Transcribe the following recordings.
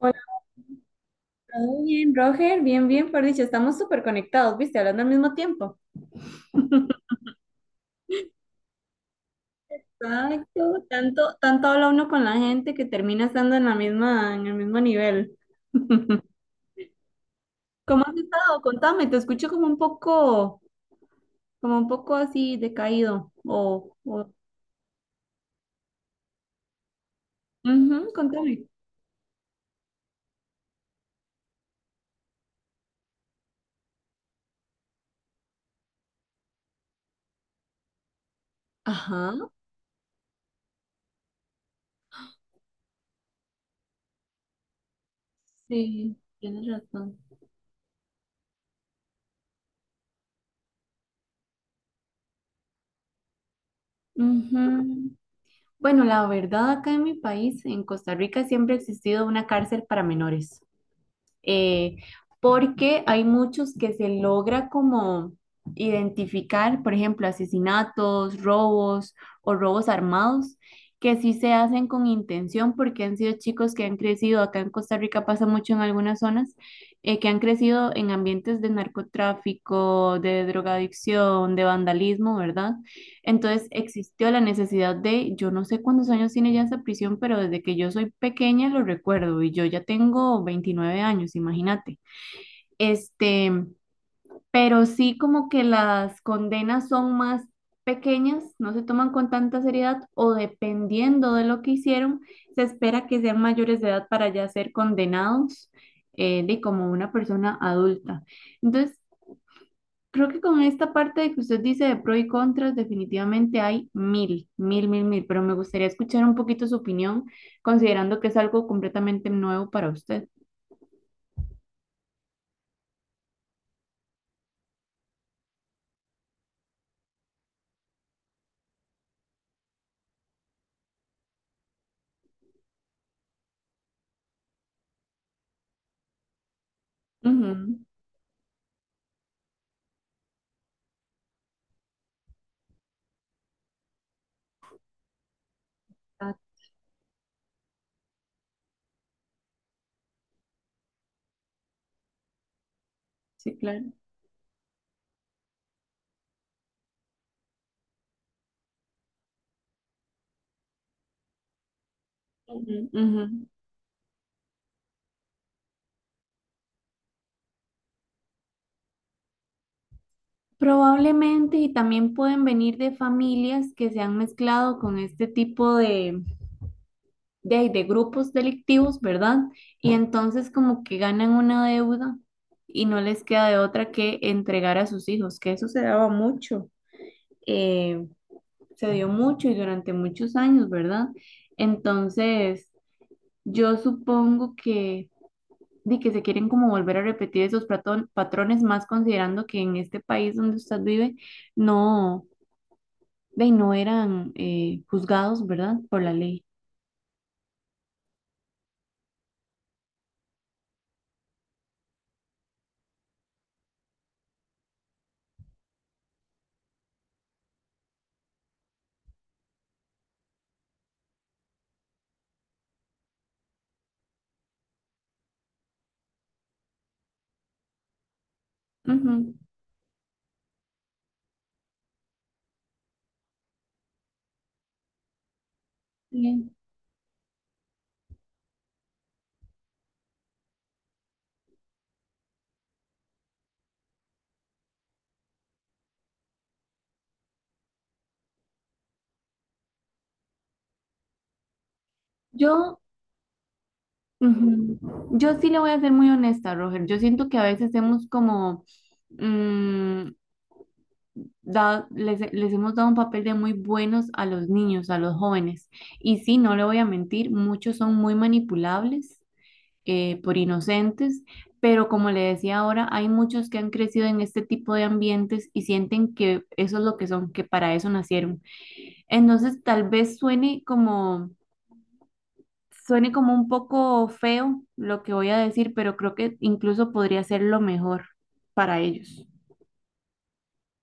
Hola, ¿todo bien, Roger? Bien, bien, por dicho, estamos súper conectados, ¿viste? Hablando al mismo tiempo. Exacto, tanto, tanto habla uno con la gente que termina estando en la misma, en el mismo nivel. ¿Cómo has estado? Contame, te escucho como un poco así decaído. O... Ujú, contame. Ajá, sí, tienes razón. Ujú. Bueno, la verdad, acá en mi país, en Costa Rica, siempre ha existido una cárcel para menores. eh, Porque hay muchos que se logra como identificar, por ejemplo, asesinatos, robos o robos armados, que sí se hacen con intención porque han sido chicos que han crecido, acá en Costa Rica pasa mucho en algunas zonas, que han crecido en ambientes de narcotráfico, de drogadicción, de vandalismo, ¿verdad? Entonces existió la necesidad de, yo no sé cuántos años tiene ya esa prisión, pero desde que yo soy pequeña lo recuerdo y yo ya tengo 29 años, imagínate. Este, pero sí como que las condenas son más pequeñas, no se toman con tanta seriedad o dependiendo de lo que hicieron, se espera que sean mayores de edad para ya ser condenados de como una persona adulta. Entonces, creo que con esta parte de que usted dice de pros y contras, definitivamente hay mil, pero me gustaría escuchar un poquito su opinión, considerando que es algo completamente nuevo para usted. Ujú. Ah, sí, claro. Ujú, ujú. Probablemente y también pueden venir de familias que se han mezclado con este tipo de, de grupos delictivos, ¿verdad? Y entonces como que ganan una deuda y no les queda de otra que entregar a sus hijos, que eso se daba mucho. Eh, Se dio mucho y durante muchos años, ¿verdad? Entonces, yo supongo que, di que se quieren como volver a repetir esos patrones, más considerando que en este país donde usted vive no, de, no eran juzgados, ¿verdad? Por la ley. Ujú, sí. Yo, ujú, yo sí le voy a ser muy honesta, Roger. Yo siento que a veces hemos como... mm, les hemos dado un papel de muy buenos a los niños, a los jóvenes. Y sí, no le voy a mentir, muchos son muy manipulables por inocentes, pero como le decía ahora, hay muchos que han crecido en este tipo de ambientes y sienten que eso es lo que son, que para eso nacieron. Entonces, tal vez suene como... Suene como un poco feo lo que voy a decir, pero creo que incluso podría ser lo mejor para ellos.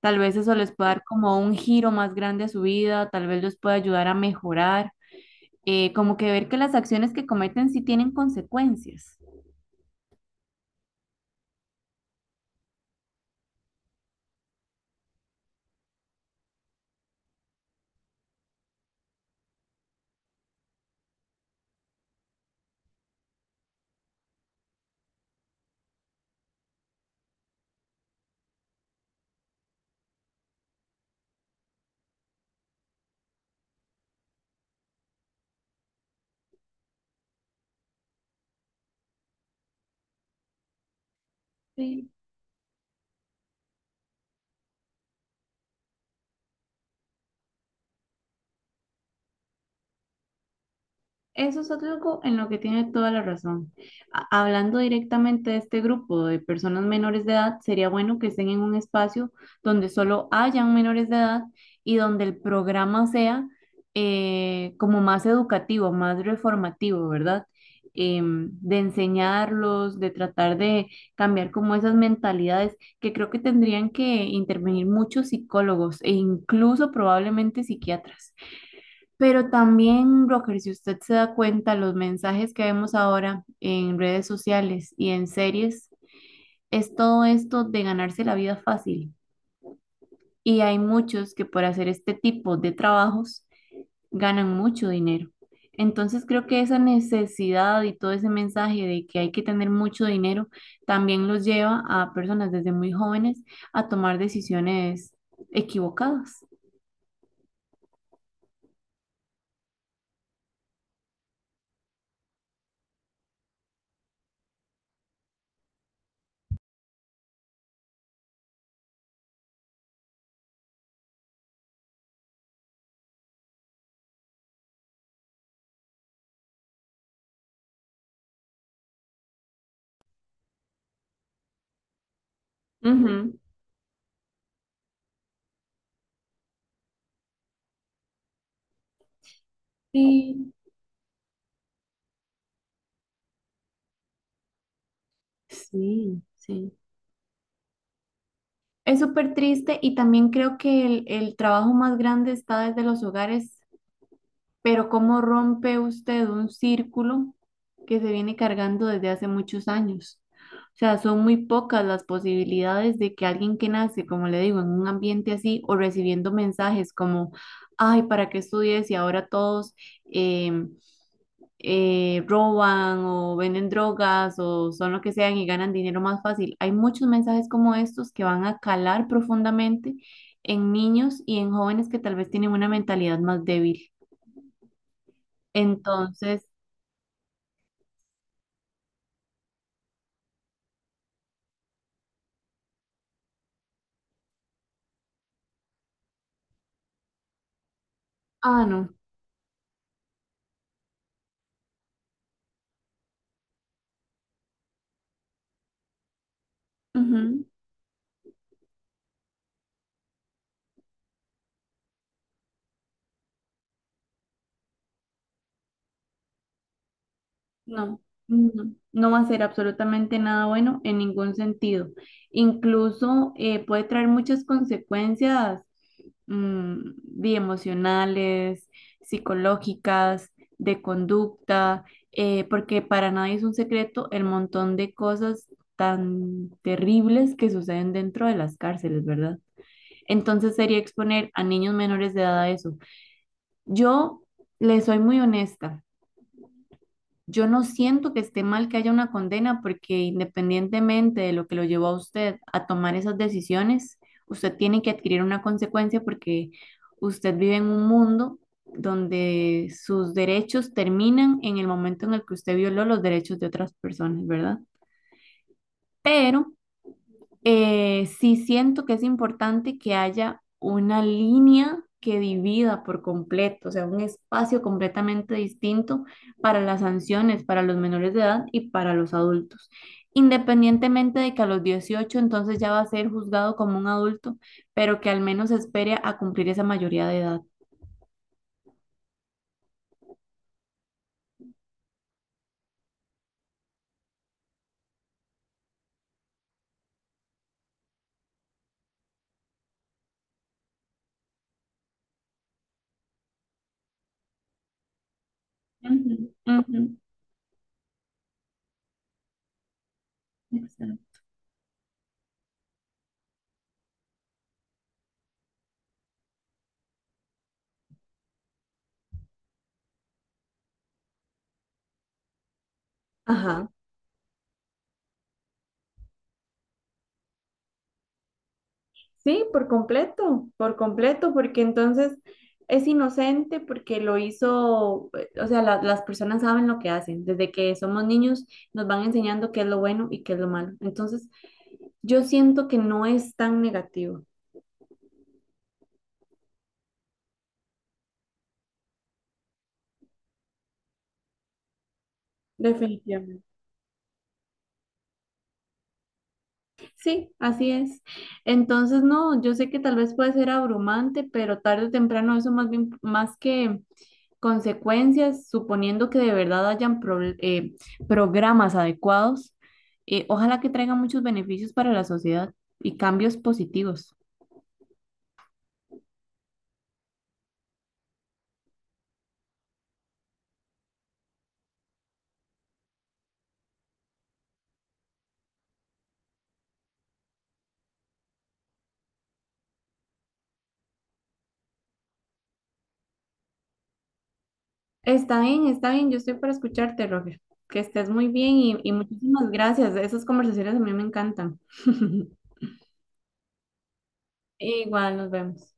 Tal vez eso les pueda dar como un giro más grande a su vida, tal vez les pueda ayudar a mejorar, como que ver que las acciones que cometen sí tienen consecuencias. Sí. Eso es algo en lo que tiene toda la razón. Hablando directamente de este grupo de personas menores de edad, sería bueno que estén en un espacio donde solo hayan menores de edad y donde el programa sea como más educativo, más reformativo, ¿verdad? De enseñarlos, de tratar de cambiar como esas mentalidades, que creo que tendrían que intervenir muchos psicólogos e incluso probablemente psiquiatras. Pero también, Rocker, si usted se da cuenta, los mensajes que vemos ahora en redes sociales y en series es todo esto de ganarse la vida fácil. Y hay muchos que por hacer este tipo de trabajos ganan mucho dinero. Entonces creo que esa necesidad y todo ese mensaje de que hay que tener mucho dinero también los lleva a personas desde muy jóvenes a tomar decisiones equivocadas. Ujú. Sí, sí, sí. Es súper triste y también creo que el trabajo más grande está desde los hogares, pero ¿cómo rompe usted un círculo que se viene cargando desde hace muchos años? O sea, son muy pocas las posibilidades de que alguien que nace, como le digo, en un ambiente así o recibiendo mensajes como, ay, ¿para qué estudies? Y ahora todos... em, roban o venden drogas o son lo que sean y ganan dinero más fácil. Hay muchos mensajes como estos que van a calar profundamente en niños y en jóvenes que tal vez tienen una mentalidad más débil. Entonces, ah, no. Ujú. No, no, no va a ser absolutamente nada bueno en ningún sentido. Incluso puede traer muchas consecuencias de emocionales, psicológicas, de conducta, porque para nadie es un secreto el montón de cosas tan terribles que suceden dentro de las cárceles, ¿verdad? Entonces sería exponer a niños menores de edad a eso. Yo les soy muy honesta. Yo no siento que esté mal que haya una condena porque independientemente de lo que lo llevó a usted a tomar esas decisiones, usted tiene que adquirir una consecuencia porque usted vive en un mundo donde sus derechos terminan en el momento en el que usted violó los derechos de otras personas, ¿verdad? Pero sí siento que es importante que haya una línea que divida por completo, o sea, un espacio completamente distinto para las sanciones, para los menores de edad y para los adultos. Independientemente de que a los 18 entonces ya va a ser juzgado como un adulto, pero que al menos espere a cumplir esa mayoría de edad. Ujú, ujú, exacto. Ajá. Sí, por completo, porque entonces es inocente porque lo hizo, o sea, las personas saben lo que hacen. Desde que somos niños nos van enseñando qué es lo bueno y qué es lo malo. Entonces, yo siento que no es tan negativo. Definitivamente. Sí, así es. Entonces, no, yo sé que tal vez puede ser abrumante, pero tarde o temprano eso más bien, más que consecuencias, suponiendo que de verdad hayan programas adecuados, ojalá que traigan muchos beneficios para la sociedad y cambios positivos. Está bien, está bien. Yo estoy para escucharte, Roger. Que estés muy bien y muchísimas gracias. Esas conversaciones a mí me encantan. Igual, nos vemos.